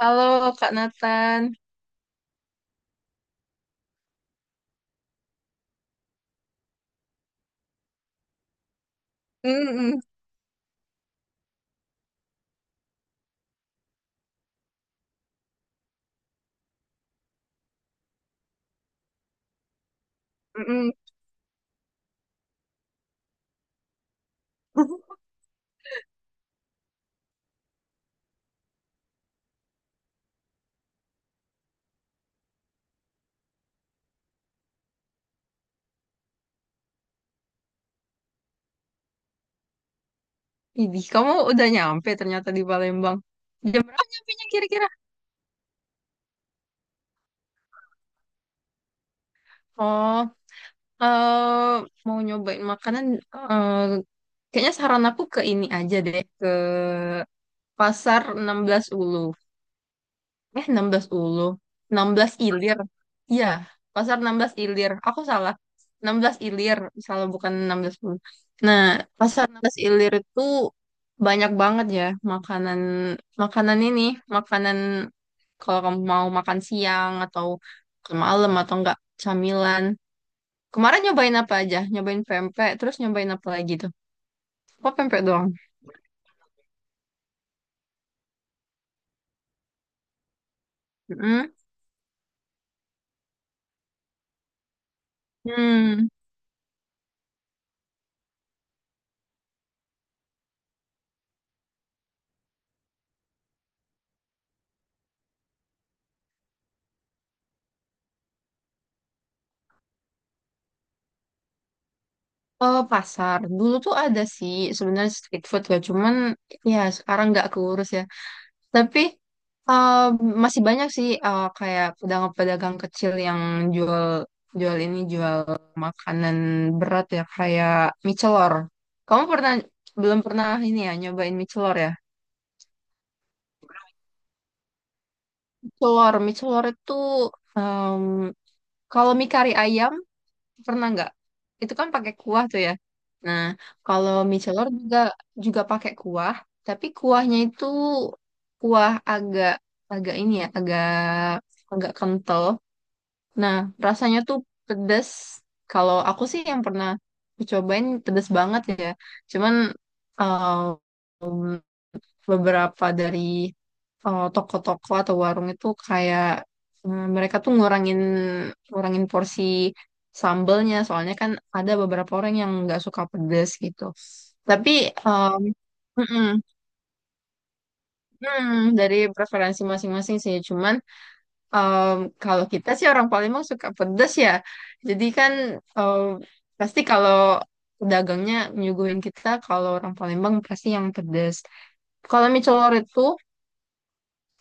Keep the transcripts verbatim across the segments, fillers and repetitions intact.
Halo Kak Nathan. Mm-mm, mm-mm. Idih, kamu udah nyampe ternyata di Palembang. Jam berapa nyampenya kira-kira? Oh, eh, mau nyobain makanan. eh, kayaknya saran aku ke ini aja deh, ke Pasar enam belas Ulu. Eh, enam belas Ulu. Enam belas Ilir. Iya, pasar enam belas Ilir. Aku salah. Enam belas Ilir, salah bukan enam belas Ulu. Nah, pasar enam belas Ilir itu banyak banget ya, makanan makanan ini, makanan kalau kamu mau makan siang atau ke malam atau enggak camilan. Kemarin nyobain apa aja? Nyobain pempek, terus nyobain apa lagi tuh? Kok pempek doang? Mm-mm. Hmm. Eh, pasar dulu tuh ada sih sebenarnya street food ya, cuman ya sekarang nggak keurus ya, tapi eh, masih banyak sih, eh, kayak pedagang-pedagang kecil yang jual, jual ini, jual makanan berat ya kayak mie celor. Kamu pernah, belum pernah ini ya, nyobain mie celor ya? Celor mie celor itu, em, kalau mie kari ayam pernah nggak? Itu kan pakai kuah tuh ya. Nah, kalau mie celor juga juga pakai kuah, tapi kuahnya itu kuah agak agak ini ya, agak agak kental. Nah, rasanya tuh pedes. Kalau aku sih yang pernah aku cobain pedes banget ya. Cuman eh, beberapa dari eh, toko-toko atau warung itu kayak eh, mereka tuh ngurangin ngurangin porsi sambelnya, soalnya kan ada beberapa orang yang nggak suka pedas gitu. Tapi eh, mm-mm, mm, dari preferensi masing-masing sih. Cuman em, kalau kita sih orang Palembang suka pedas ya. Jadi kan em, pasti kalau dagangnya nyuguhin kita kalau orang Palembang pasti yang pedas. Kalau mie celor itu,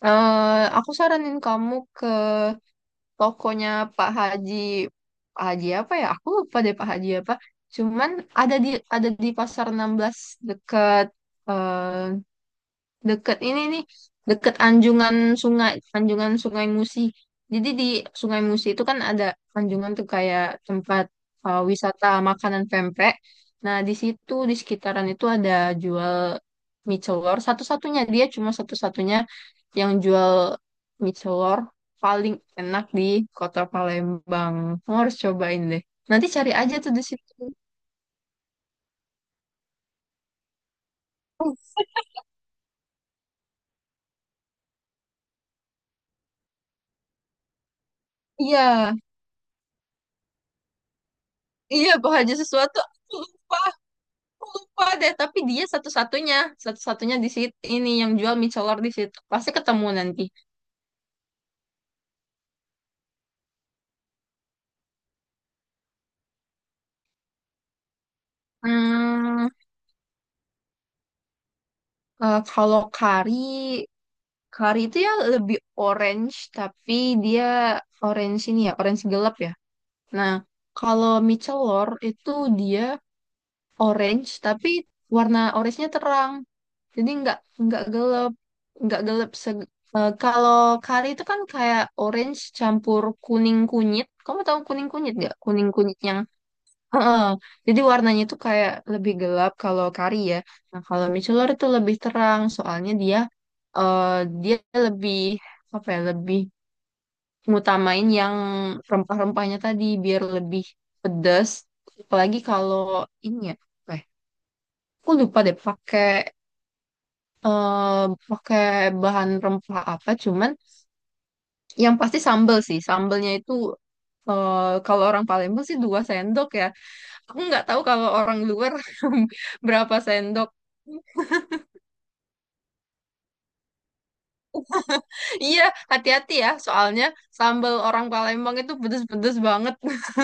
eh aku saranin kamu ke tokonya Pak Haji, Pak Haji apa ya? Aku lupa deh Pak Haji apa. Cuman ada di ada di Pasar enam belas, dekat, deket ini nih, deket anjungan sungai, anjungan Sungai Musi. Jadi di Sungai Musi itu kan ada anjungan tuh kayak tempat uh, wisata makanan pempek. Nah di situ, di sekitaran itu ada jual mie celor, satu-satunya, dia cuma satu-satunya yang jual mie celor paling enak di kota Palembang. Kamu harus cobain deh, nanti cari aja tuh di situ. Oh, iya iya, Pak Haji sesuatu. Aku lupa deh, tapi dia satu-satunya, satu-satunya di situ ini yang jual mie celor di situ. Pasti ketemu nanti. Hmm, eh, kalau kari, kari itu ya lebih orange, tapi dia orange ini ya, orange gelap ya. Nah, kalau mie celor itu dia orange tapi warna orange-nya terang. Jadi nggak nggak gelap, nggak gelap. se- eh, kalau kari itu kan kayak orange campur kuning kunyit. Kamu tahu kuning kunyit nggak? Kuning kunyit yang. Heeh. Jadi warnanya itu kayak lebih gelap kalau kari ya. Nah kalau michelor itu lebih terang, soalnya dia eh, dia lebih apa ya? Lebih ngutamain yang rempah-rempahnya tadi biar lebih pedas. Apalagi kalau ini ya. Apa ya, aku lupa deh pakai eh pakai bahan rempah apa, cuman yang pasti sambel sih, sambelnya itu eh kalau orang Palembang sih dua sendok ya. Aku nggak tahu kalau orang luar berapa sendok. Iya, hati-hati ya, soalnya sambel orang Palembang itu pedes-pedes banget.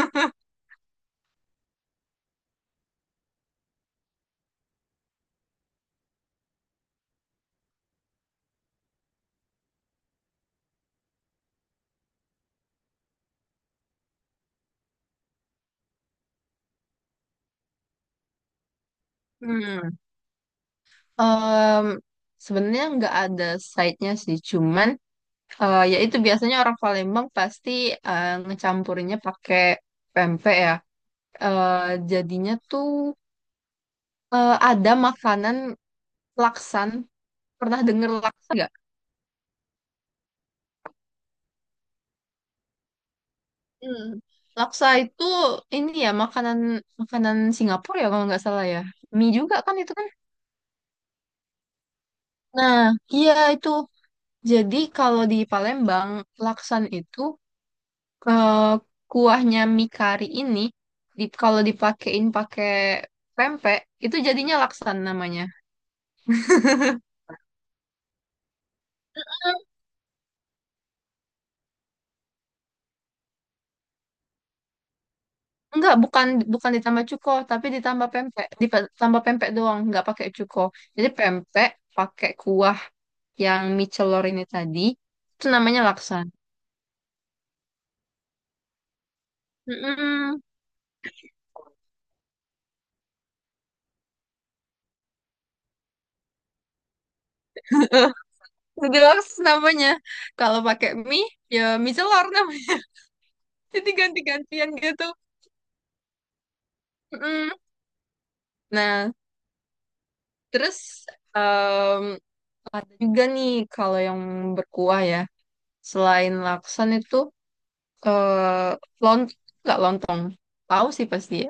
Hmm. Em, sebenarnya nggak ada side-nya sih, cuman eh ya itu biasanya orang Palembang pasti eh, ngecampurinnya pakai pempek ya, eh jadinya tuh eh, ada makanan laksan. Pernah denger laksa nggak? Hmm. Laksa itu. Ini ya, makanan makanan Singapura ya kalau nggak salah ya. Mie juga kan itu kan. Nah, iya itu. Jadi kalau di Palembang, laksan itu eh, kuahnya mie kari ini, di, kalau dipakein pakai pempek, itu jadinya laksan namanya. Enggak, bukan bukan ditambah cuko, tapi ditambah pempek. Dipa- Ditambah pempek doang, enggak pakai cuko. Jadi pempek pakai kuah yang mie celor ini tadi, itu namanya laksan. Mm-mm. Jadi laksan namanya. Kalau pakai mie, ya mie celor namanya. Jadi ganti-gantian gitu. Mm-mm. Nah, terus em, ada juga nih kalau yang berkuah ya. Selain laksan itu, eh lont enggak, lontong. Tahu sih pasti ya.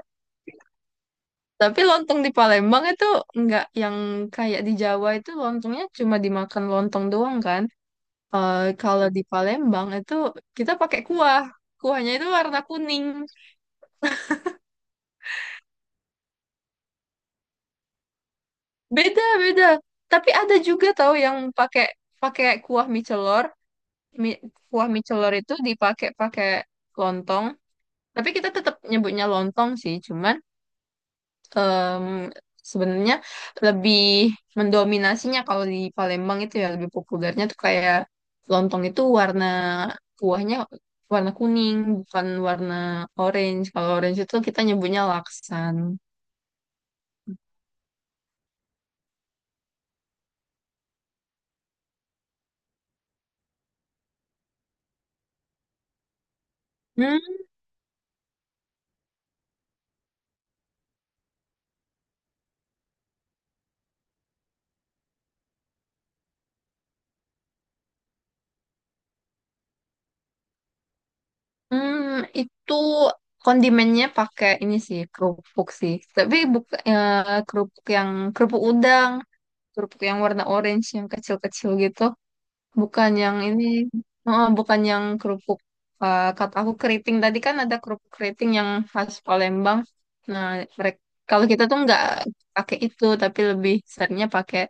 Tapi lontong di Palembang itu nggak yang kayak di Jawa itu, lontongnya cuma dimakan lontong doang kan. Eh, kalau di Palembang itu kita pakai kuah. Kuahnya itu warna kuning. Beda, beda. Tapi ada juga tahu yang pakai pakai kuah mie celor. Mi- kuah mie celor itu dipakai pakai lontong. Tapi kita tetap nyebutnya lontong sih, cuman em, sebenarnya lebih mendominasinya kalau di Palembang itu ya lebih populernya tuh kayak lontong itu warna kuahnya warna kuning, bukan warna orange. Kalau orange itu kita nyebutnya laksan. Hmm, hmm, itu kondimennya pakai ini sih, kerupuk sih. Tapi bukan kerupuk yang kerupuk udang, kerupuk yang warna orange yang kecil-kecil gitu. Bukan yang ini, oh, bukan yang kerupuk. eh, kata aku keriting tadi kan ada kerupuk keriting yang khas Palembang. Nah, mereka, kalau kita tuh nggak pakai itu, tapi lebih seringnya pakai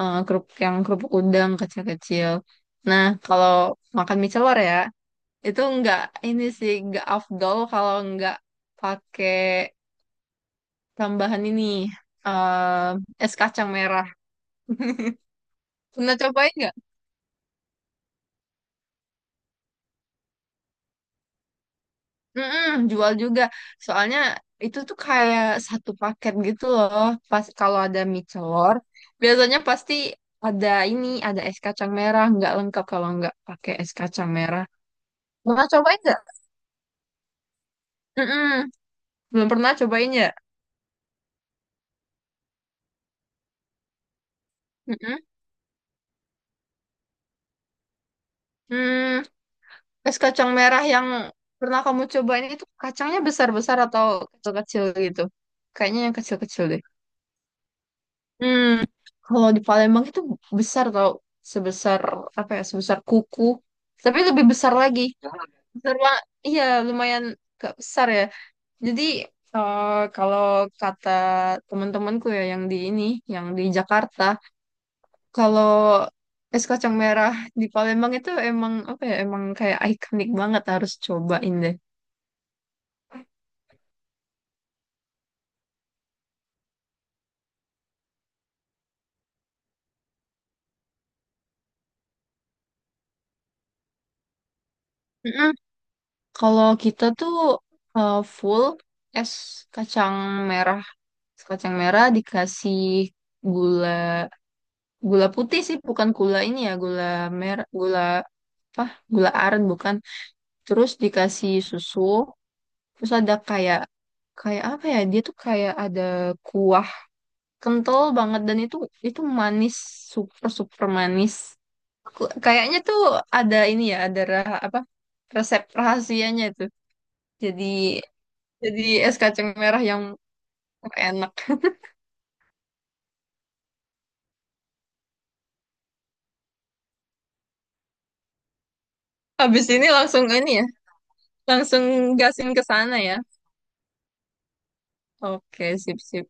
eh, kerupuk yang kerupuk udang kecil-kecil. Nah, kalau makan mie celor ya, itu nggak ini sih, nggak afdol kalau nggak pakai tambahan ini, eh es kacang merah. Pernah cobain? Mm-mm, jual juga. Soalnya itu tuh kayak satu paket gitu loh. Pas kalau ada mie celor, biasanya pasti ada ini, ada es kacang merah. Nggak lengkap kalau nggak pakai es kacang merah. Pernah cobain nggak? Mm-mm, belum pernah cobain ya? Mm-mm. Hmm, es kacang merah yang pernah kamu cobain itu kacangnya besar-besar atau kecil-kecil gitu? Kayaknya yang kecil-kecil deh. Hmm, kalau di Palembang itu besar tau, sebesar apa ya, sebesar kuku. Tapi lebih besar lagi. Besar banget. Iya, lumayan gak besar ya. Jadi eh, kalau kata teman-temanku ya yang di ini, yang di Jakarta, kalau es kacang merah di Palembang itu emang apa ya, emang kayak ikonik banget harus cobain deh. Kalau kita tuh eh, full es kacang merah, es kacang merah dikasih gula, gula putih sih, bukan gula ini ya, gula merah, gula apa? Gula aren bukan. Terus dikasih susu, terus ada kayak kayak apa ya? Dia tuh kayak ada kuah kental banget dan itu itu manis, super super manis. Ku- Kayaknya tuh ada ini ya, ada ra- apa? Resep rahasianya itu. Jadi Jadi es kacang merah yang enak. Habis ini langsung ini ya, langsung gasin ke sana ya. Oke, sip-sip.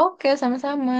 Oke, sama-sama.